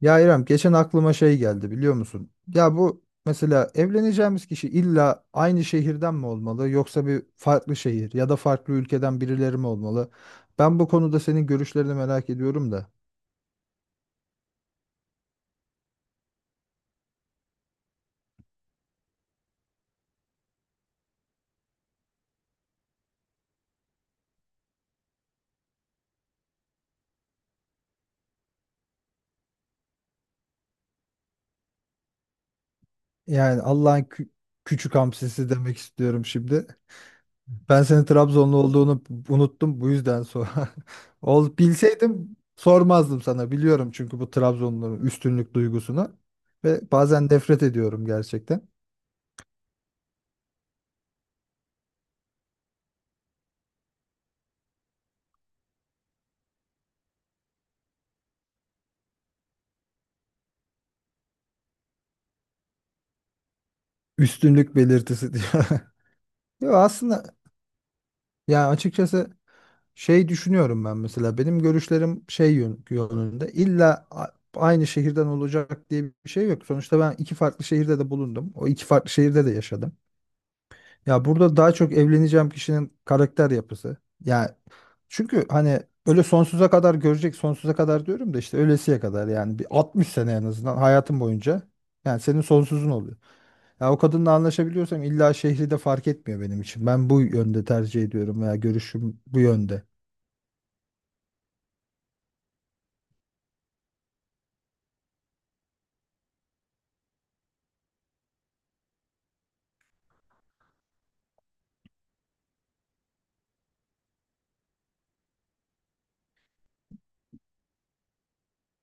Ya İrem geçen aklıma şey geldi biliyor musun? Ya bu mesela evleneceğimiz kişi illa aynı şehirden mi olmalı yoksa bir farklı şehir ya da farklı ülkeden birileri mi olmalı? Ben bu konuda senin görüşlerini merak ediyorum da. Yani Allah'ın küçük hamsisi demek istiyorum şimdi. Ben senin Trabzonlu olduğunu unuttum bu yüzden sonra. Ol, bilseydim sormazdım sana biliyorum çünkü bu Trabzonluların üstünlük duygusuna ve bazen nefret ediyorum gerçekten. Üstünlük belirtisi diyor. Yo aslında yani açıkçası şey düşünüyorum ben mesela benim görüşlerim şey yönünde illa aynı şehirden olacak diye bir şey yok. Sonuçta ben iki farklı şehirde de bulundum. O iki farklı şehirde de yaşadım. Ya burada daha çok evleneceğim kişinin karakter yapısı. Ya çünkü hani öyle sonsuza kadar görecek, sonsuza kadar diyorum da işte ölesiye kadar yani bir 60 sene en azından hayatın boyunca yani senin sonsuzun oluyor. Ya o kadınla anlaşabiliyorsam illa şehri de fark etmiyor benim için. Ben bu yönde tercih ediyorum veya görüşüm bu yönde.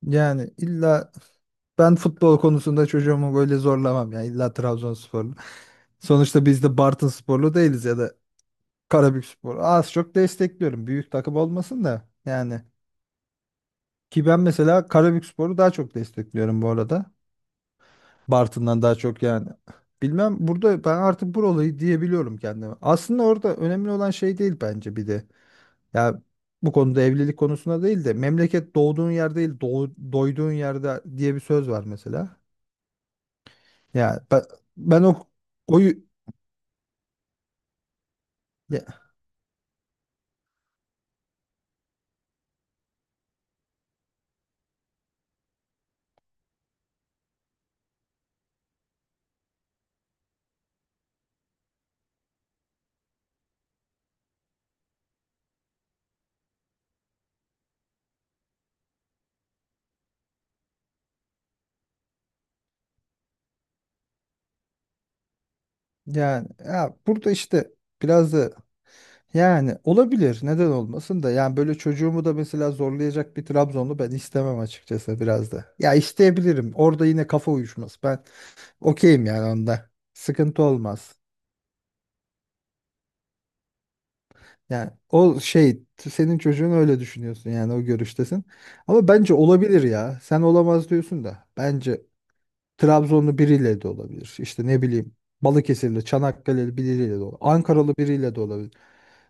Yani illa ben futbol konusunda çocuğumu böyle zorlamam ya. İlla Trabzonsporlu. Sonuçta biz de Bartınsporlu değiliz ya da Karabükspor. Az çok destekliyorum. Büyük takım olmasın da yani. Ki ben mesela Karabükspor'u daha çok destekliyorum bu arada. Bartın'dan daha çok yani. Bilmem burada ben artık buralıyı diyebiliyorum kendime. Aslında orada önemli olan şey değil bence bir de. Ya bu konuda evlilik konusunda değil de memleket doğduğun yer değil doyduğun yerde diye bir söz var mesela. Ya ben o koyu ya, yani ya burada işte biraz da yani olabilir. Neden olmasın da. Yani böyle çocuğumu da mesela zorlayacak bir Trabzonlu ben istemem açıkçası biraz da. Ya isteyebilirim. Orada yine kafa uyuşmaz. Ben okeyim yani onda. Sıkıntı olmaz. Yani o şey senin çocuğun öyle düşünüyorsun yani o görüştesin. Ama bence olabilir ya. Sen olamaz diyorsun da. Bence Trabzonlu biriyle de olabilir. İşte ne bileyim Balıkesirli, Çanakkale'li biriyle de olabilir. Ankaralı biriyle de olabilir.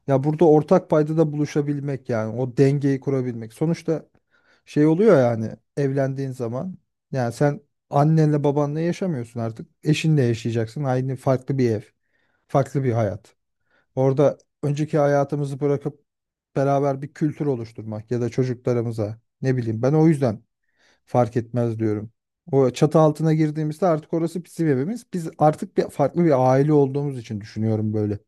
Ya burada ortak paydada buluşabilmek yani o dengeyi kurabilmek. Sonuçta şey oluyor yani evlendiğin zaman yani sen annenle babanla yaşamıyorsun artık. Eşinle yaşayacaksın. Aynı farklı bir ev, farklı bir hayat. Orada önceki hayatımızı bırakıp beraber bir kültür oluşturmak ya da çocuklarımıza ne bileyim ben o yüzden fark etmez diyorum. O çatı altına girdiğimizde artık orası bizim evimiz. Biz artık bir farklı bir aile olduğumuz için düşünüyorum böyle.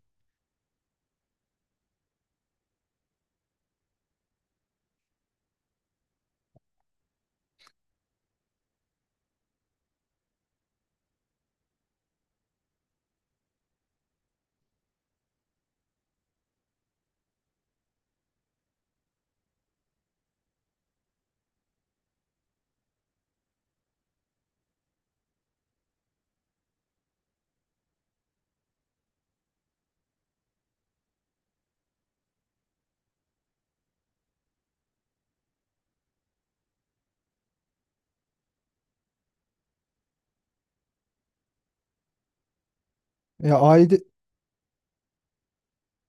Ya aile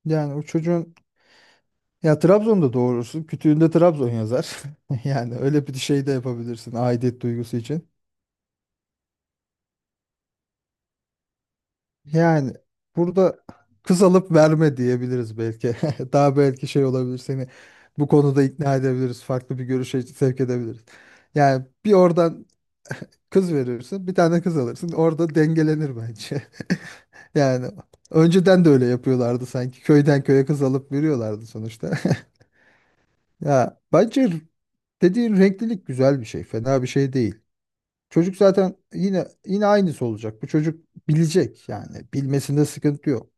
yani o çocuğun ya Trabzon'da doğurursun. Kütüğünde Trabzon yazar. Yani öyle bir şey de yapabilirsin aidiyet duygusu için. Yani burada kız alıp verme diyebiliriz belki. Daha belki şey olabilir seni bu konuda ikna edebiliriz. Farklı bir görüşe sevk edebiliriz. Yani bir oradan kız verirsin, bir tane kız alırsın. Orada dengelenir bence. Yani önceden de öyle yapıyorlardı sanki. Köyden köye kız alıp veriyorlardı sonuçta. Ya bence dediğin renklilik güzel bir şey. Fena bir şey değil. Çocuk zaten yine yine aynısı olacak. Bu çocuk bilecek yani. Bilmesinde sıkıntı yok.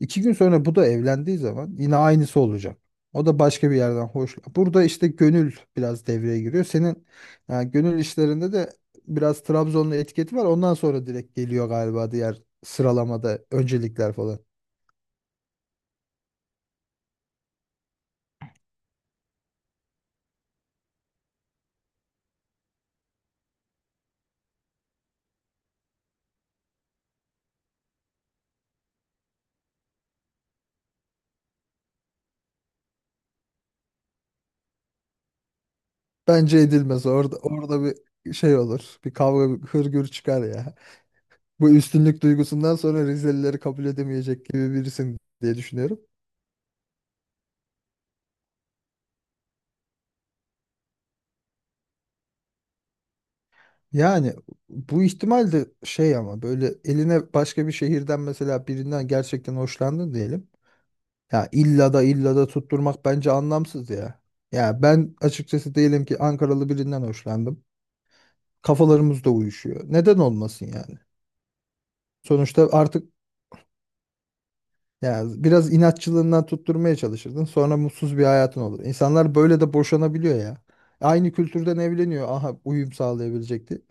İki gün sonra bu da evlendiği zaman yine aynısı olacak. O da başka bir yerden hoş. Burada işte gönül biraz devreye giriyor. Senin yani gönül işlerinde de biraz Trabzonlu etiketi var. Ondan sonra direkt geliyor galiba diğer sıralamada öncelikler falan. Bence edilmez. Orada bir şey olur. Bir kavga, bir hırgür çıkar ya. Bu üstünlük duygusundan sonra Rizelileri kabul edemeyecek gibi birisin diye düşünüyorum. Yani bu ihtimal de şey ama böyle eline başka bir şehirden mesela birinden gerçekten hoşlandın diyelim. Ya illa da illa da tutturmak bence anlamsız ya. Ya ben açıkçası diyelim ki Ankaralı birinden hoşlandım. Kafalarımız da uyuşuyor. Neden olmasın yani? Sonuçta artık ya biraz inatçılığından tutturmaya çalışırdın. Sonra mutsuz bir hayatın olur. İnsanlar böyle de boşanabiliyor ya. Aynı kültürden evleniyor. Aha uyum sağlayabilecekti.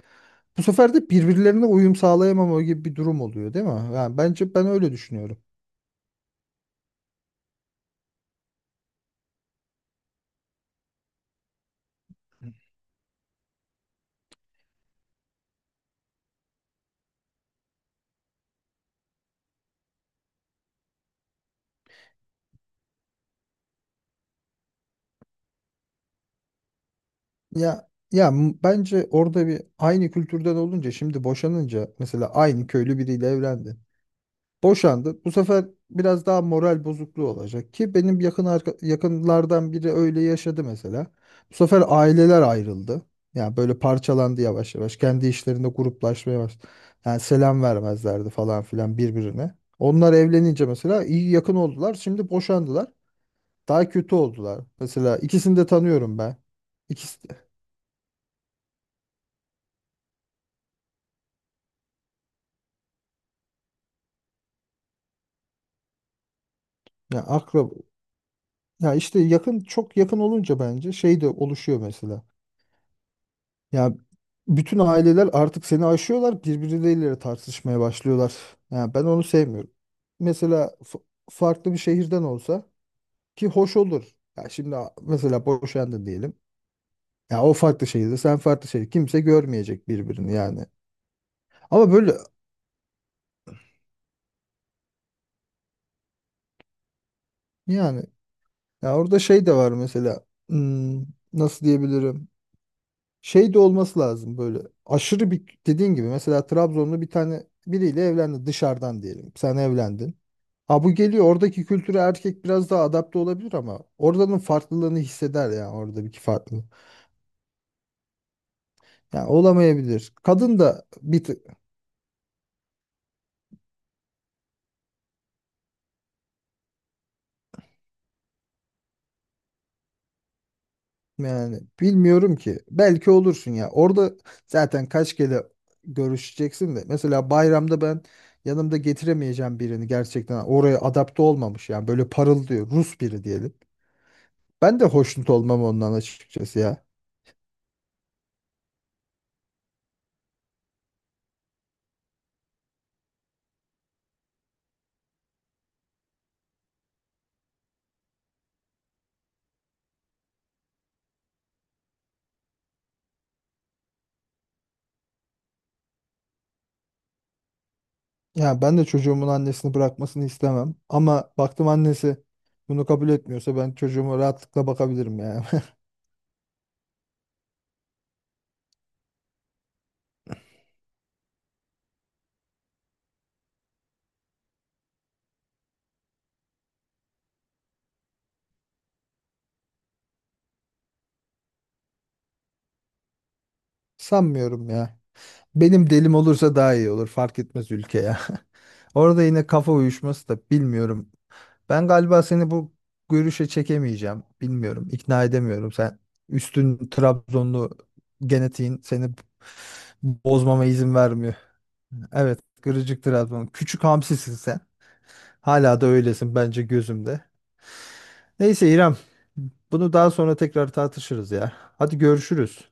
Bu sefer de birbirlerine uyum sağlayamama gibi bir durum oluyor değil mi? Yani bence ben öyle düşünüyorum. Ya bence orada bir aynı kültürden olunca şimdi boşanınca mesela aynı köylü biriyle evlendin. Boşandı. Bu sefer biraz daha moral bozukluğu olacak ki benim yakın yakınlardan biri öyle yaşadı mesela. Bu sefer aileler ayrıldı. Yani böyle parçalandı yavaş yavaş. Kendi işlerinde gruplaşmaya başladı. Yani selam vermezlerdi falan filan birbirine. Onlar evlenince mesela iyi yakın oldular. Şimdi boşandılar. Daha kötü oldular. Mesela ikisini de tanıyorum ben. İkisi de. Ya akrab. Ya işte yakın çok yakın olunca bence şey de oluşuyor mesela. Ya bütün aileler artık seni aşıyorlar, birbirleriyle tartışmaya başlıyorlar. Ya ben onu sevmiyorum. Mesela farklı bir şehirden olsa ki hoş olur. Ya şimdi mesela boşandın diyelim. Ya o farklı şehirde, sen farklı şehir, kimse görmeyecek birbirini yani. Ama böyle yani ya orada şey de var mesela. Nasıl diyebilirim? Şey de olması lazım böyle aşırı bir dediğin gibi mesela Trabzonlu bir tane biriyle evlendi dışarıdan diyelim. Sen evlendin. Ha bu geliyor oradaki kültüre erkek biraz daha adapte olabilir ama oradanın farklılığını hisseder yani oradaki farklılığı. Yani olamayabilir. Kadın da bir tık yani bilmiyorum ki belki olursun ya. Orada zaten kaç kere görüşeceksin de mesela bayramda ben yanımda getiremeyeceğim birini gerçekten oraya adapte olmamış yani böyle parıl diyor Rus biri diyelim. Ben de hoşnut olmam ondan açıkçası ya. Ya ben de çocuğumun annesini bırakmasını istemem. Ama baktım annesi bunu kabul etmiyorsa ben çocuğuma rahatlıkla bakabilirim ya. Sanmıyorum ya. Benim delim olursa daha iyi olur. Fark etmez ülke ya. Orada yine kafa uyuşması da bilmiyorum. Ben galiba seni bu görüşe çekemeyeceğim. Bilmiyorum. İkna edemiyorum. Sen üstün Trabzonlu genetiğin seni bozmama izin vermiyor. Evet. Gırıcık Trabzon. Küçük hamsisin sen. Hala da öylesin bence gözümde. Neyse İrem, bunu daha sonra tekrar tartışırız ya. Hadi görüşürüz.